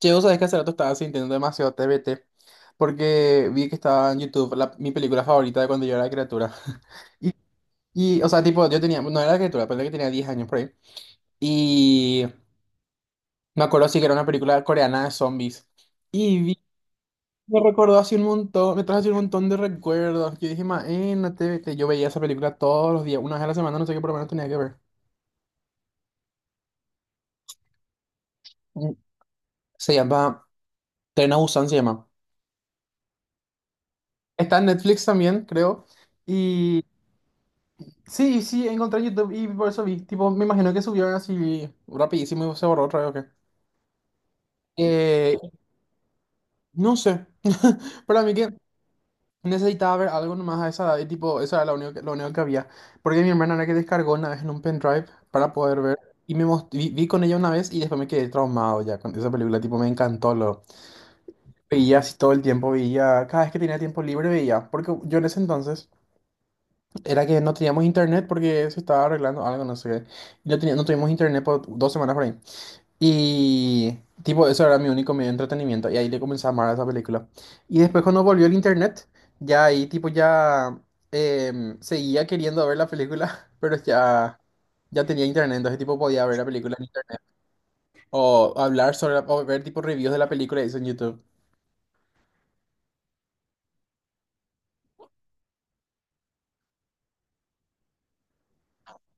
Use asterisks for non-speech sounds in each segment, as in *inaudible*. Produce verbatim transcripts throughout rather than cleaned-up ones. Che, vos sabés que hace rato estaba sintiendo demasiado T B T porque vi que estaba en YouTube la- mi película favorita de cuando yo era criatura. *laughs* Y, y, o sea, tipo, yo tenía, no era criatura, pero que tenía diez años por ahí. Y me acuerdo sí que era una película coreana de zombies. Y vi- Me recordó así un montón, me trajo así un montón de recuerdos. Yo dije, ma, eh, no T B T. Yo veía esa película todos los días, una vez a la semana, no sé qué, por lo menos tenía que ver. Mm, Se llama Tren a Busan, se llama. Está en Netflix también, creo. Sí, sí, encontré en YouTube y por eso vi. Tipo, me imagino que subió así rapidísimo y se borró otra vez o qué. Eh, no sé. *laughs* Para mí que necesitaba ver algo nomás a esa edad y tipo, eso era lo único que, lo único que había. Porque mi hermana era que descargó una vez en un pendrive para poder ver. Y me most- vi, vi con ella una vez y después me quedé traumado ya con esa película. Tipo, me encantó. Lo veía así todo el tiempo, veía. Cada vez que tenía tiempo libre veía. Porque yo en ese entonces era que no teníamos internet porque se estaba arreglando algo, no sé qué. Y No, tenía- no tuvimos internet por dos semanas por ahí. Y tipo, eso era mi único medio de entretenimiento. Y ahí le comencé a amar a esa película. Y después cuando volvió el internet, ya ahí tipo ya em, seguía queriendo ver la película, *laughs* pero ya, ya tenía internet, entonces tipo podía ver la película en internet. O hablar sobre la- o ver tipo reviews de la película y eso en YouTube.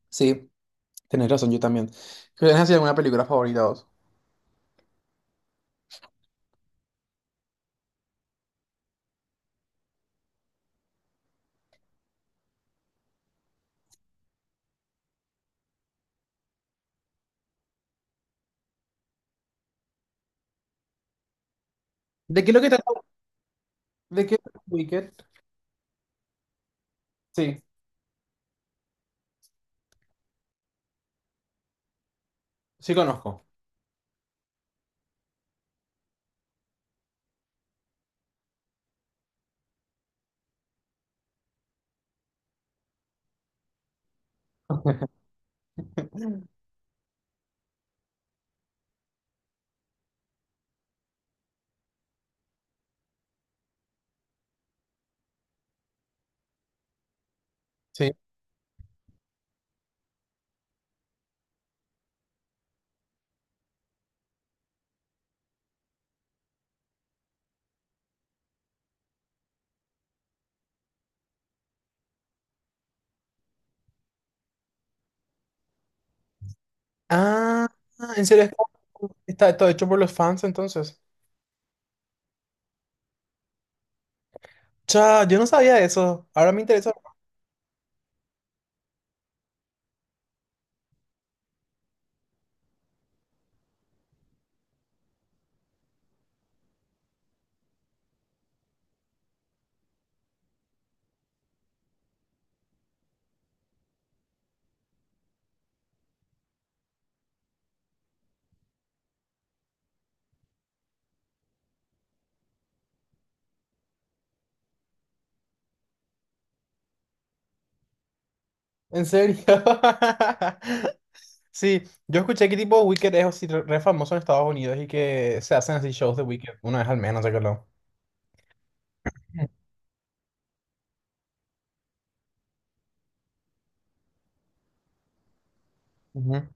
Sí, tenés razón, yo también. ¿Tienes así alguna película favorita vos? ¿De qué es lo que trata? ¿De qué ¿Wicked? Sí, sí conozco. *laughs* Sí. Ah, ¿en serio? ¿Está ¿está todo hecho por los fans entonces? Cha, yo no sabía eso. Ahora me interesa. En serio. *laughs* Sí, yo escuché que tipo Wicked es así re re famoso en Estados Unidos y que se hacen así shows de Wicked una vez al menos, sé que lo. Ujú.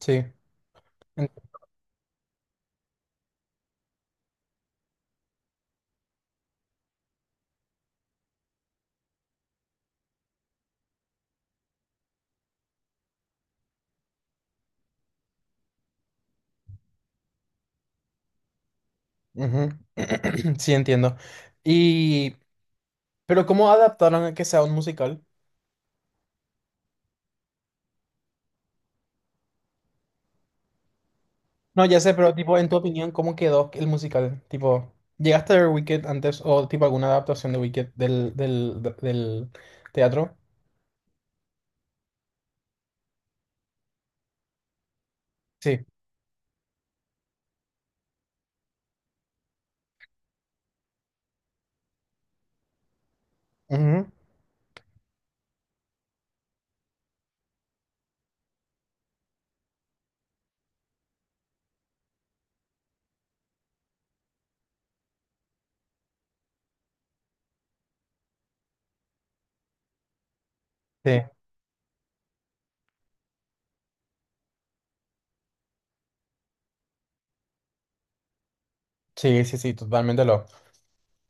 Sí. En- Ujú. *clears throat* Sí, entiendo. Y, pero ¿cómo adaptaron a que sea un musical? No, ya sé, pero tipo, en tu opinión, ¿cómo quedó el musical? Tipo, ¿llegaste a ver Wicked antes o tipo alguna adaptación de Wicked del, del, del teatro? Sí. Ujú. Sí. Sí, sí, sí, totalmente lo.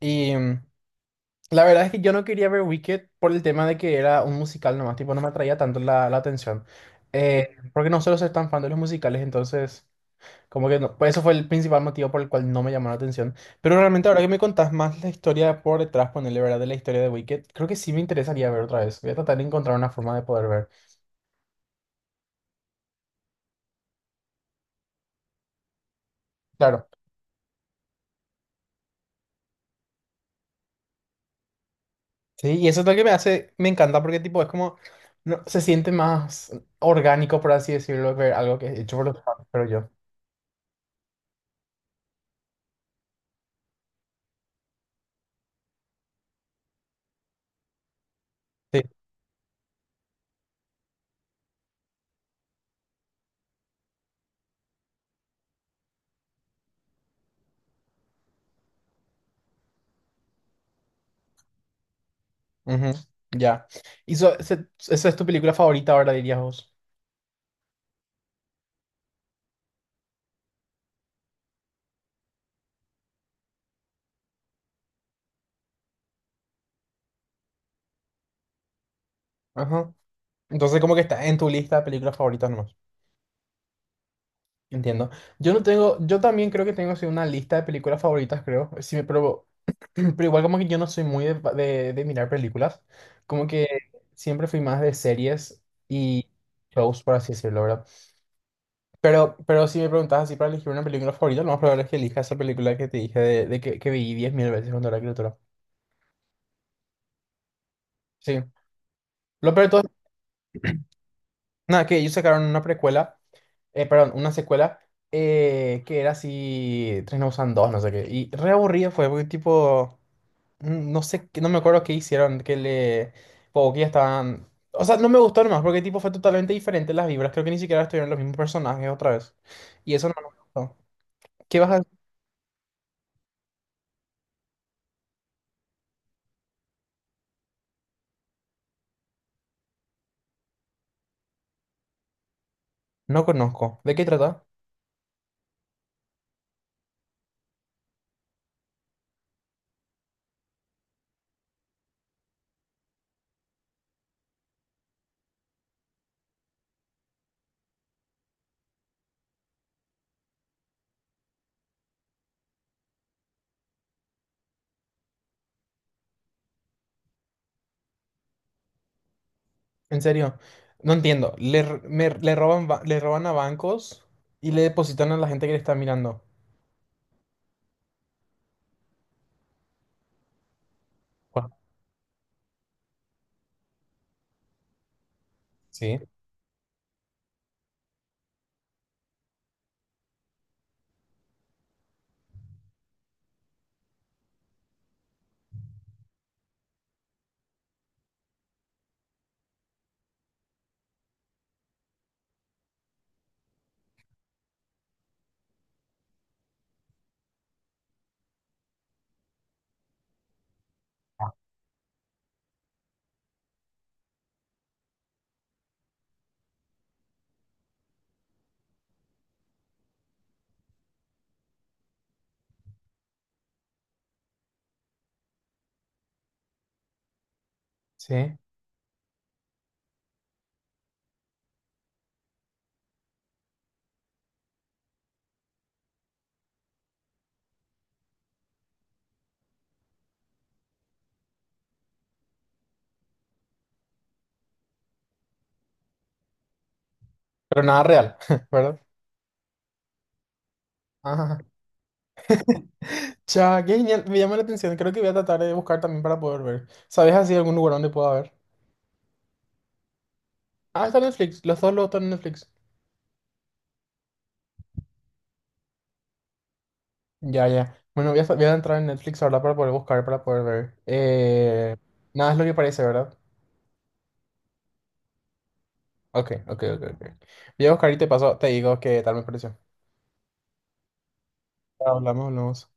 Y mm, la verdad es que yo no quería ver Wicked por el tema de que era un musical nomás, tipo, no me atraía tanto la, la atención. Eh, porque no suelo ser tan fan de los musicales, entonces, como que no, pues eso fue el principal motivo por el cual no me llamó la atención. Pero realmente ahora que me contás más la historia por detrás, ponerle verdad de la historia de Wicked, creo que sí me interesaría ver otra vez. Voy a tratar de encontrar una forma de poder ver. Claro, sí, y eso es lo que me hace, me encanta porque tipo, es como, no, se siente más orgánico, por así decirlo, ver algo que es hecho por los fans, pero yo. Sí, ujú, ya. Y so- ese- esa es tu película favorita ahora, dirías vos. Ajá. Entonces, como que está en tu lista de películas favoritas nomás. Entiendo. Yo no tengo, yo también creo que tengo así una lista de películas favoritas, creo. Sí, me- pero, *clears throat* pero igual como que yo no soy muy de, de- de mirar películas. Como que siempre fui más de series y shows, por así decirlo, ¿verdad? Pero, pero si me preguntas así para elegir una película favorita, lo más probable es que elija esa película que te dije de, de que, que vi diez mil veces cuando era criatura. Sí. Lo peor de todo nada, que ellos sacaron una precuela, eh, perdón, una secuela eh, que era así, Tren a Busan dos, no sé qué. Y re aburrido fue, porque tipo, mm, no sé, qué- no me acuerdo qué hicieron, que le, o que ya estaban. O sea, no me gustó nomás, porque tipo fue totalmente diferente las vibras, creo que ni siquiera estuvieron los mismos personajes otra vez. Y eso no me gustó. ¿Qué vas a decir? No conozco. ¿De qué trata? En serio, no entiendo. Le, r- me- le roban, ba- le roban a bancos y le depositan a la gente que le está mirando. Guau. Sí. Ah. Sí. Pero nada real, *laughs* ¿verdad? Ajá. Cha, qué genial. Me llama la atención. Creo que voy a tratar de buscar también para poder ver. ¿Sabes así algún lugar donde pueda ver? Ah, está en Netflix. Los dos lo están en Netflix. Ya, ya. Bueno, voy a, voy a entrar en Netflix ahora para poder buscar, para poder ver. Eh, nada es lo que parece, ¿verdad? Ok, ok, ok, ok. Voy a buscar y te paso, te digo qué tal me pareció. Hablamos, hablamos.